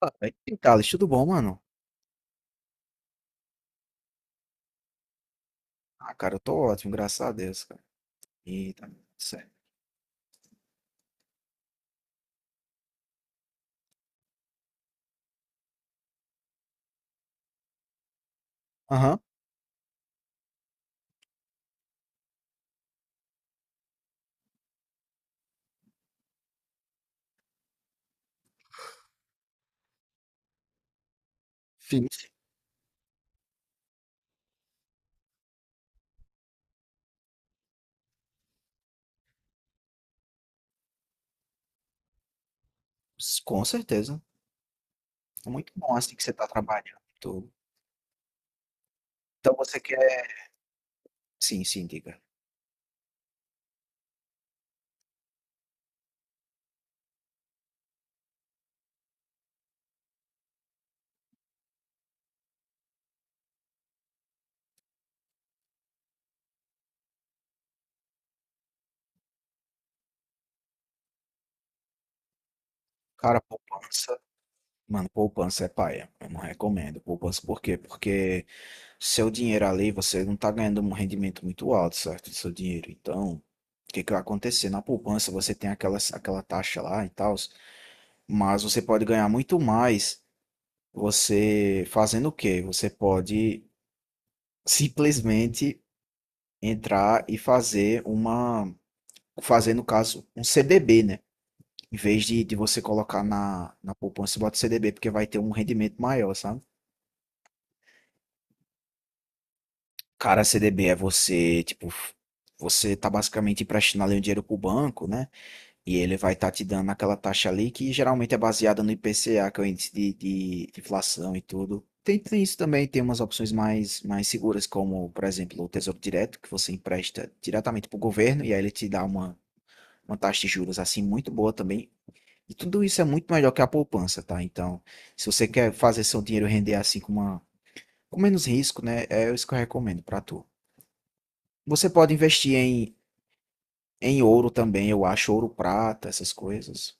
Ah, e aí, Thales, tudo bom, mano? Ah, cara, eu tô ótimo, graças a Deus, cara. E tá certo. Aham, sim, sim, com certeza. É muito bom, assim, que você tá trabalhando e tudo. Então você quer... Sim, sim, diga. Cara, poupança... Mano, poupança é paia. Eu não recomendo poupança. Por quê? Porque seu dinheiro ali, você não tá ganhando um rendimento muito alto, certo? Do seu dinheiro. Então, o que que vai acontecer? Na poupança, você tem aquela taxa lá e tal, mas você pode ganhar muito mais. Você fazendo o quê? Você pode simplesmente entrar e fazer uma, fazer no caso um CDB, né? Em vez de você colocar na poupança, você bota CDB porque vai ter um rendimento maior, sabe? Cara, CDB é você, tipo, você tá basicamente emprestando ali o dinheiro pro banco, né? E ele vai estar te dando aquela taxa ali que geralmente é baseada no IPCA, que é o índice de, de inflação e tudo. Tem isso também, tem umas opções mais seguras, como, por exemplo, o Tesouro Direto, que você empresta diretamente para o governo e aí ele te dá uma taxa de juros assim muito boa também. E tudo isso é muito melhor que a poupança, tá? Então, se você quer fazer seu dinheiro render assim com, uma, com menos risco, né? É isso que eu recomendo para tu. Você pode investir em, em ouro também, eu acho, ouro, prata, essas coisas.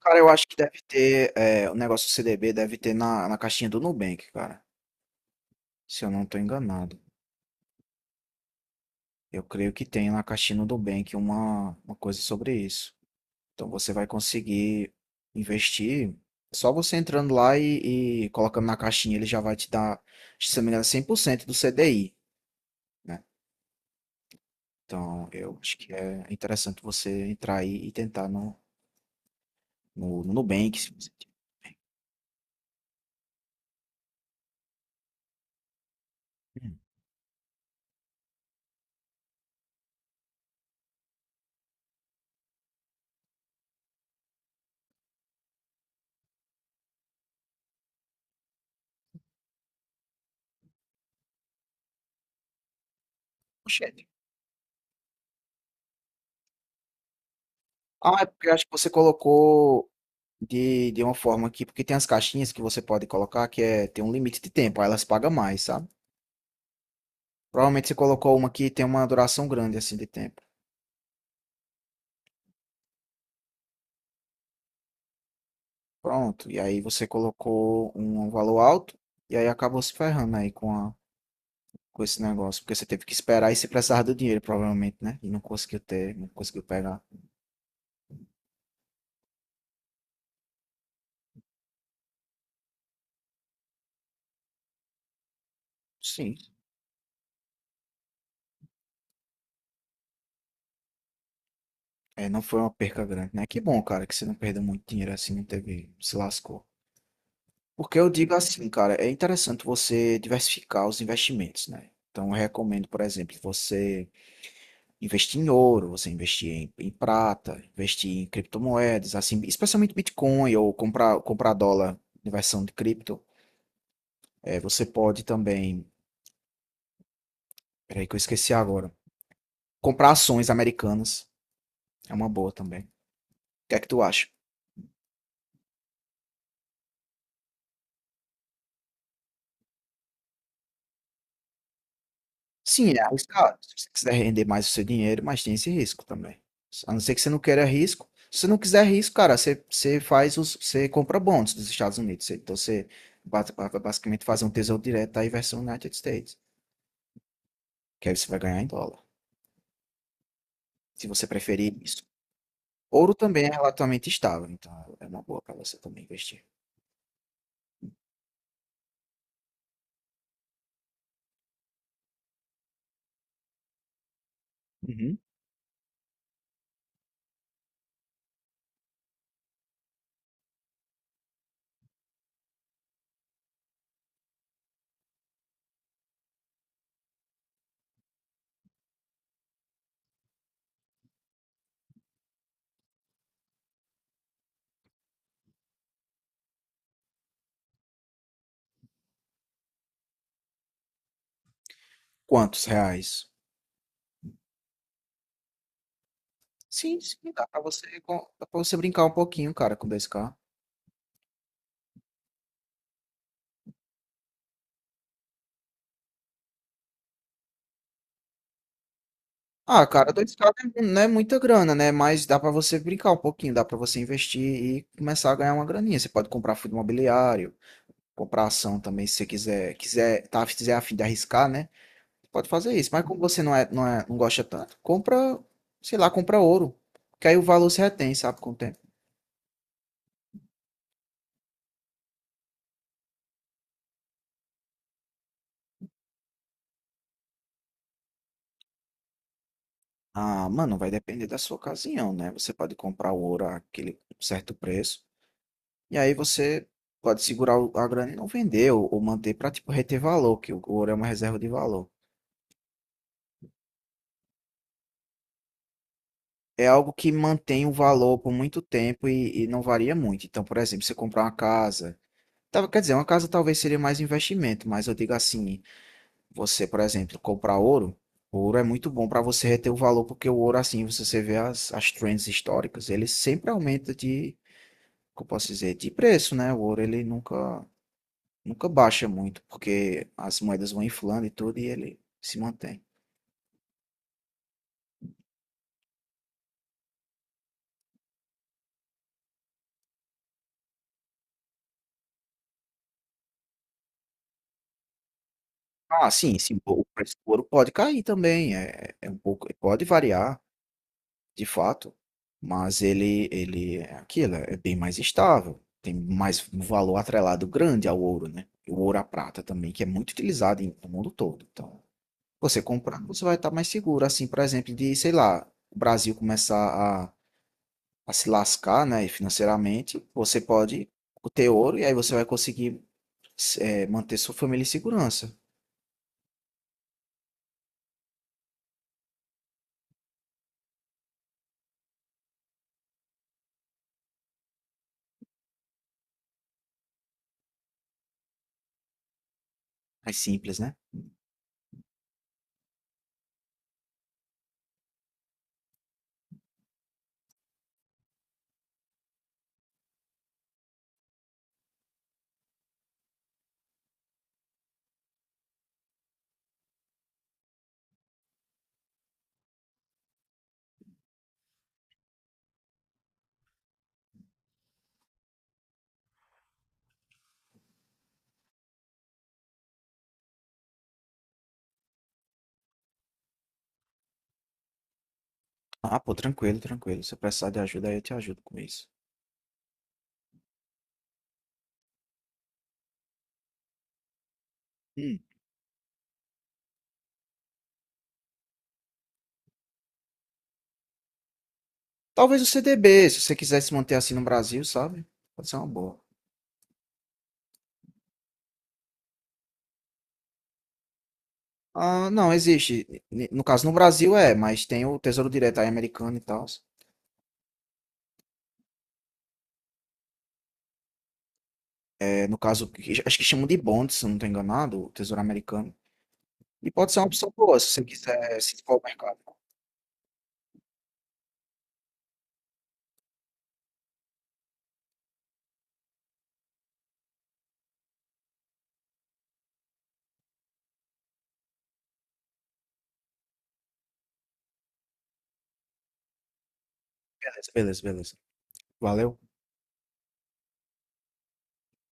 Cara, eu acho que deve ter, é, o negócio do CDB deve ter na caixinha do Nubank, cara. Se eu não tô enganado. Eu creio que tem na caixinha do Nubank uma coisa sobre isso. Então você vai conseguir investir só você entrando lá e colocando na caixinha, ele já vai te dar, se não me engano, 100% do CDI, né? Então eu acho que é interessante você entrar aí e tentar no Nubank, se você tiver com cheque. Ah, é porque eu acho que você colocou de uma forma que, porque tem as caixinhas que você pode colocar que é, tem um limite de tempo, aí elas pagam mais, sabe? Provavelmente você colocou uma que tem uma duração grande assim de tempo. Pronto, e aí você colocou um valor alto e aí acabou se ferrando aí com a, com esse negócio, porque você teve que esperar e se precisava do dinheiro, provavelmente, né? E não conseguiu ter, não conseguiu pegar. Sim, é, não foi uma perca grande, né? Que bom, cara, que você não perdeu muito dinheiro assim, não teve, se lascou. Porque eu digo assim, cara, é interessante você diversificar os investimentos, né? Então, eu recomendo, por exemplo, você investir em ouro, você investir em, em prata, investir em criptomoedas, assim, especialmente Bitcoin ou comprar, comprar dólar em versão de cripto. É, você pode também, peraí que eu esqueci agora, comprar ações americanas, é uma boa também. O que é que tu acha? Sim, é arriscado. Se você quiser render mais o seu dinheiro, mas tem esse risco também. A não ser que você não queira risco. Se você não quiser risco, cara, você, você faz os, você compra bonds dos Estados Unidos. Você... Então você basicamente faz um tesouro direto aí versão United States, que aí você vai ganhar em dólar, se você preferir isso. Ouro também é relativamente estável, então é uma boa para você também investir. Uhum. Quantos reais? Sim, sim, dá para você, dá pra você brincar um pouquinho, cara, com 2K. Ah, cara, dois k não é muita grana, né? Mas dá pra você brincar um pouquinho, dá pra você investir e começar a ganhar uma graninha. Você pode comprar fundo imobiliário, comprar ação também, se você quiser, quiser, tá, se quiser a fim de arriscar, né? Pode fazer isso. Mas como você não é, não gosta tanto, compra, sei lá, compra ouro, que aí o valor se retém, sabe, com o tempo. Ah, mano, vai depender da sua ocasião, né? Você pode comprar o ouro àquele certo preço, e aí você pode segurar a grana e não vender, ou manter pra, tipo, reter valor, que o ouro é uma reserva de valor. É algo que mantém o valor por muito tempo e não varia muito. Então, por exemplo, você comprar uma casa, tá, quer dizer, uma casa talvez seria mais investimento, mas eu digo assim, você, por exemplo, comprar ouro, ouro é muito bom para você reter o valor, porque o ouro, assim, você vê as, as trends históricas, ele sempre aumenta de, como eu posso dizer, de preço, né? O ouro, ele nunca baixa muito, porque as moedas vão inflando e tudo, e ele se mantém. Ah, sim, sim, o preço do ouro pode cair também, é, é um pouco, pode variar. De fato, mas ele é aquilo, é bem mais estável, tem mais um valor atrelado grande ao ouro, né? E o ouro à prata também, que é muito utilizado no mundo todo. Então, você comprar, você vai estar mais seguro, assim, por exemplo, de, sei lá, o Brasil começar a se lascar, né, financeiramente, você pode ter ouro e aí você vai conseguir eh, manter sua família em segurança. Mais simples, né? Ah, pô, tranquilo, tranquilo. Se eu precisar de ajuda, aí eu te ajudo com isso. Hum. Talvez o CDB, se você quiser se manter assim no Brasil, sabe? Pode ser uma boa. Ah, não, existe. No caso, no Brasil é, mas tem o Tesouro Direto aí americano e tal. É, no caso, acho que chamam de bonds, se eu não estou enganado, o Tesouro Americano. E pode ser uma opção boa, se você quiser se for ao mercado. Beleza, beleza, beleza. Valeu.